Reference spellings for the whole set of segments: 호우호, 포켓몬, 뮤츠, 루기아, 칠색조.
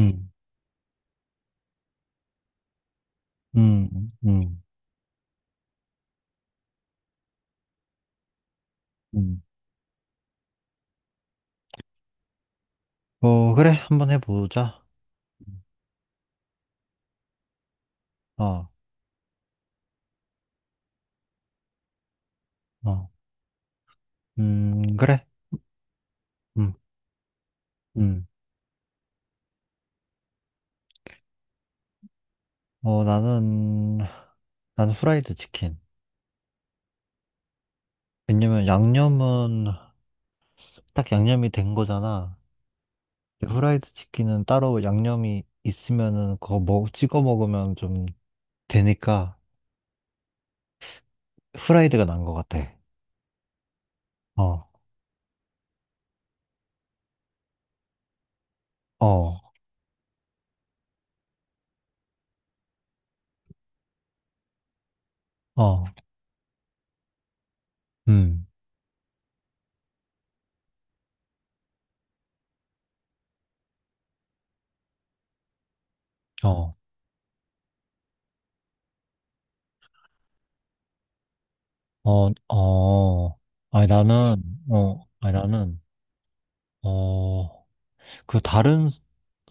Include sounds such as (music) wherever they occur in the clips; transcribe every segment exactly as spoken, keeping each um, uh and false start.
음, 음, 음, 음. 어, 그래. 한번 해보자. 어, 어, 음, 그래. 음, 음. 어, 나는, 나는 후라이드 치킨. 왜냐면 양념은 딱 양념이 된 거잖아. 근데 후라이드 치킨은 따로 양념이 있으면은 그거 먹, 찍어 먹으면 좀 되니까 후라이드가 난 것 같아. 어, 어, 어, 음, 어, 어, 어. 아니, 나는, 어, 아니, 나는, 어, 그 다른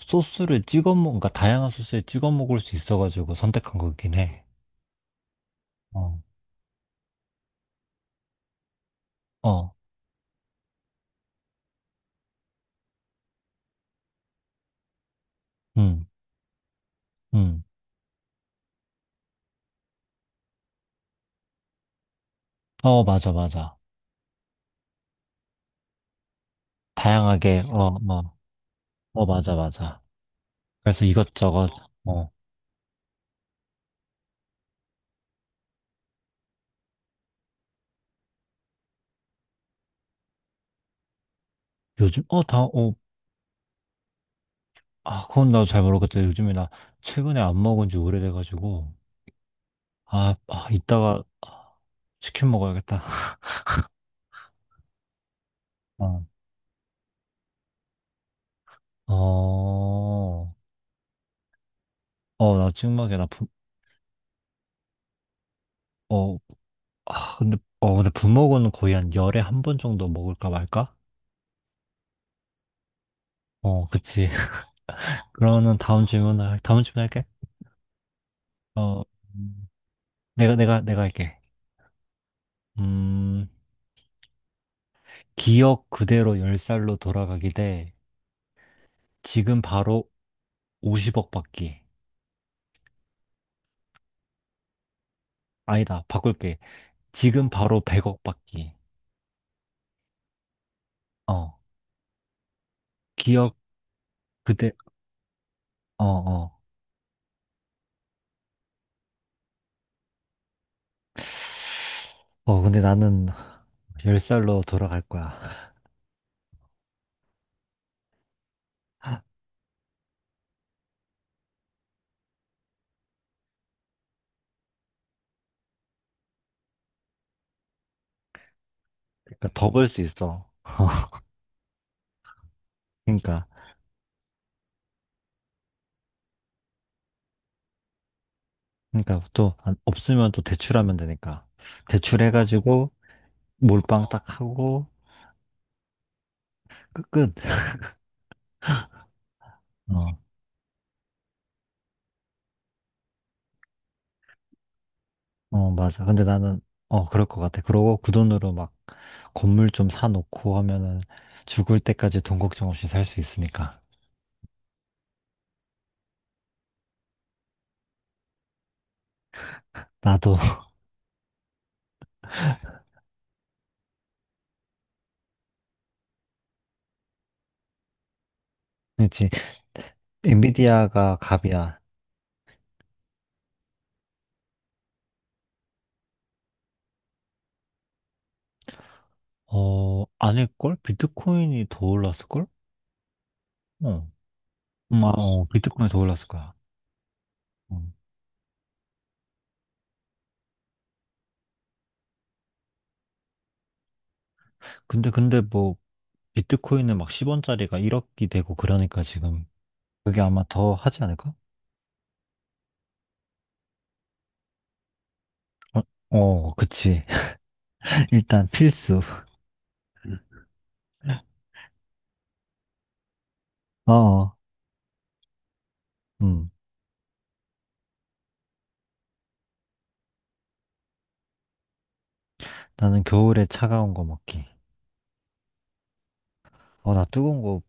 소스를 찍어 먹, 그러니까 다양한 소스에 찍어 먹을 수 있어가지고 선택한 거긴 해. 어, 어, 음, 음, 어, 맞아, 맞아. 다양하게, 어, 어, 어, 맞아, 맞아. 그래서 이것저것, 어, 요즘, 어, 다, 어, 아, 그건 나도 잘 모르겠다. 요즘에 나 최근에 안 먹은 지 오래돼가지고, 아, 아, 이따가 아, 치킨 먹어야겠다. (laughs) 어, 어, 어, 나 찍먹에 나, 부- 어, 아, 근데, 어, 근데 부먹은 거의 한 열에 한 번 정도 먹을까 말까? 어, 그치. (laughs) 그러면 다음 질문을, 할- 다음 질문 할게. 어, 음, 내가, 내가, 내가 할게. 음, 기억 그대로 열 살로 돌아가기 대 지금 바로 오십 억 받기. 아니다, 바꿀게. 지금 바로 백 억 받기. 어, 기억 그대, 어, 어. 어, 근데 나는 열 살로 돌아갈 거야. 그러니까 더 벌 수 있어. (laughs) 그러니까. 그러니까 또 안- 없으면 또 대출하면 되니까 대출해가지고 몰빵 어, 딱 하고 끝끝 어, 어 맞아 근데 나는 어 그럴 것 같아 그러고 그 돈으로 막 건물 좀 사놓고 하면은 죽을 때까지 돈 걱정 없이 살 수 있으니까 나도. (laughs) 그렇지. 엔비디아가 갑이야. 어 아닐걸. 비트코인이 더 올랐을걸. 어, 음, 아, 어, 어 비트코인이 더 올랐을 거야. 어. 근데 근데 뭐 비트코인은 막 십 원짜리가 일 억이 되고 그러니까 지금 그게 아마 더 하지 않을까? 어, 어, 그치. (laughs) 일단 필수. 어, 어, 음. 나는 겨울에 차가운 거 먹기. 어, 나 뜨거운 거,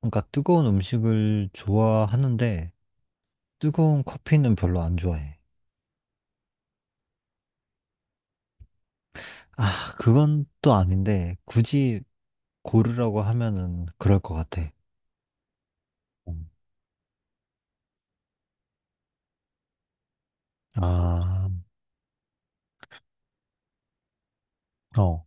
그러니까 뜨거운 음식을 좋아하는데, 뜨거운 커피는 별로 안 좋아해. 아, 그건 또 아닌데, 굳이 고르라고 하면은 그럴 것 같아. 음. 아, 어,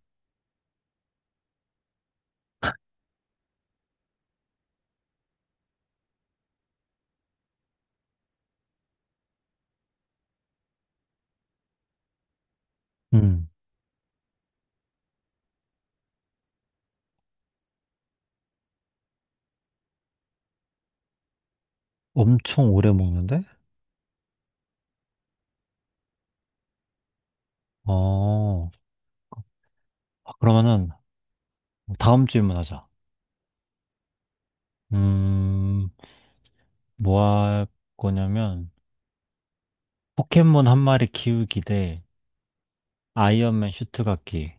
음. 엄청 오래 먹는데? 어, 아, 그러면은 다음 질문 하자. 음, 뭐 할 거냐면 포켓몬 한 마리 키우기 대 아이언맨 슈트 갖기.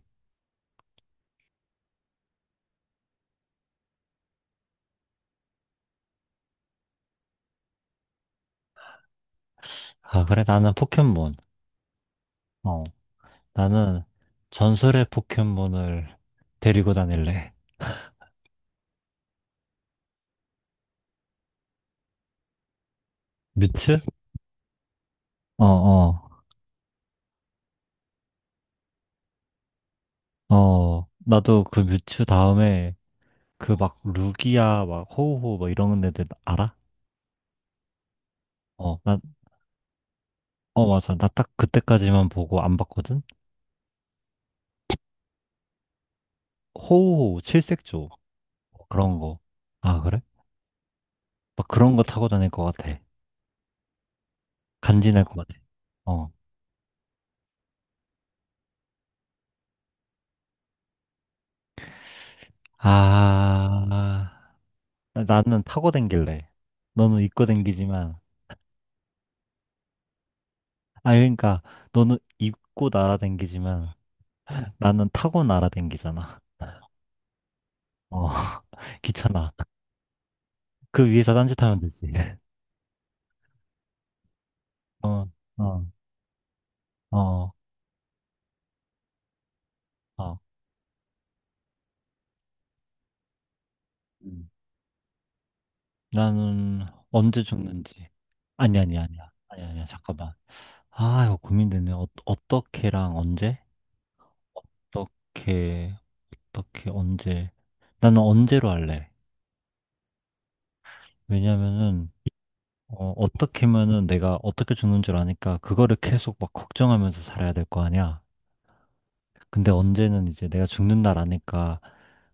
아, 그래 나는 포켓몬. 어, 나는 전설의 포켓몬을 데리고 다닐래. 뮤츠? 어, 어, 어. 나도 그 뮤츠 다음에 그 막 루기아 막 호우호 막 이런 애들 알아? 어, 나, 어, 맞아. 나 딱 그때까지만 보고 안 봤거든? 호우호 칠색조 그런 거. 아, 그래? 막 그런 거 타고 다닐 것 같아. 간지날 것 같아. 어. 아, 나는 타고 댕길래. 너는 입고 댕기지만, 아, 그러니까, 너는 입고 날아 댕기지만, 나는 타고 날아 댕기잖아. 어, (laughs) 귀찮아. 그 위에서 딴짓하면 되지. 어, 어, 어, 어. 음. 나는 언제 죽는지. 아니, 아니, 아니야. 아니, 아니야. 잠깐만. 아, 이거 고민되네. 어, 어떻게랑 언제? 어떻게, 어떻게, 언제. 나는 언제로 할래. 왜냐면은, 어, 어떻게 하면은 내가 어떻게 죽는 줄 아니까 그거를 계속 막 걱정하면서 살아야 될 거 아니야. 근데 언제는 이제 내가 죽는 날 아니까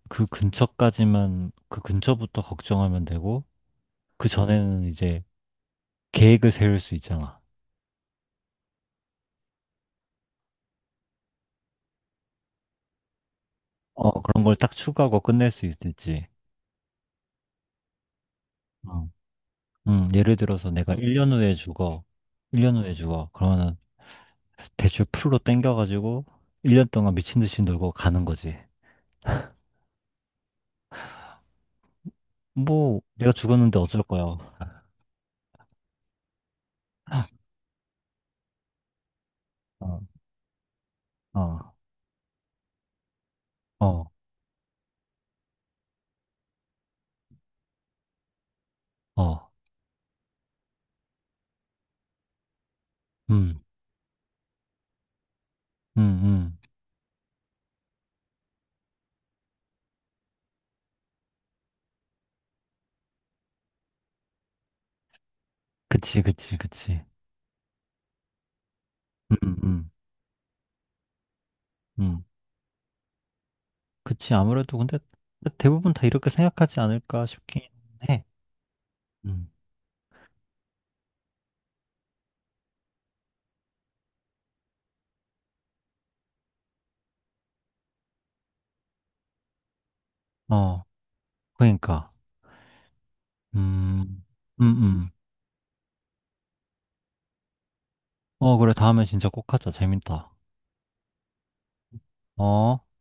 그 근처까지만 그 근처부터 걱정하면 되고 그 전에는 이제 계획을 세울 수 있잖아. 어, 그런 걸 딱 추가하고 끝낼 수 있을지. 어. 음, 예를 들어서 내가 일 년 후에 죽어. 일 년 후에 죽어. 그러면은 대출 풀로 땡겨가지고 일 년 동안 미친 듯이 놀고 가는 거지. 뭐 내가 죽었는데 어쩔 거야. (laughs) 어. 어. 어, 어, 음, 음, 음. 그치, 그치, 그치. 음, 음, 음. 그치, 아무래도 근데 대부분 다 이렇게 생각하지 않을까 싶긴 해. 음, 어, 그러니까. 음, 음, 음. 어, 그래, 다음에 진짜 꼭 하자. 재밌다. 어.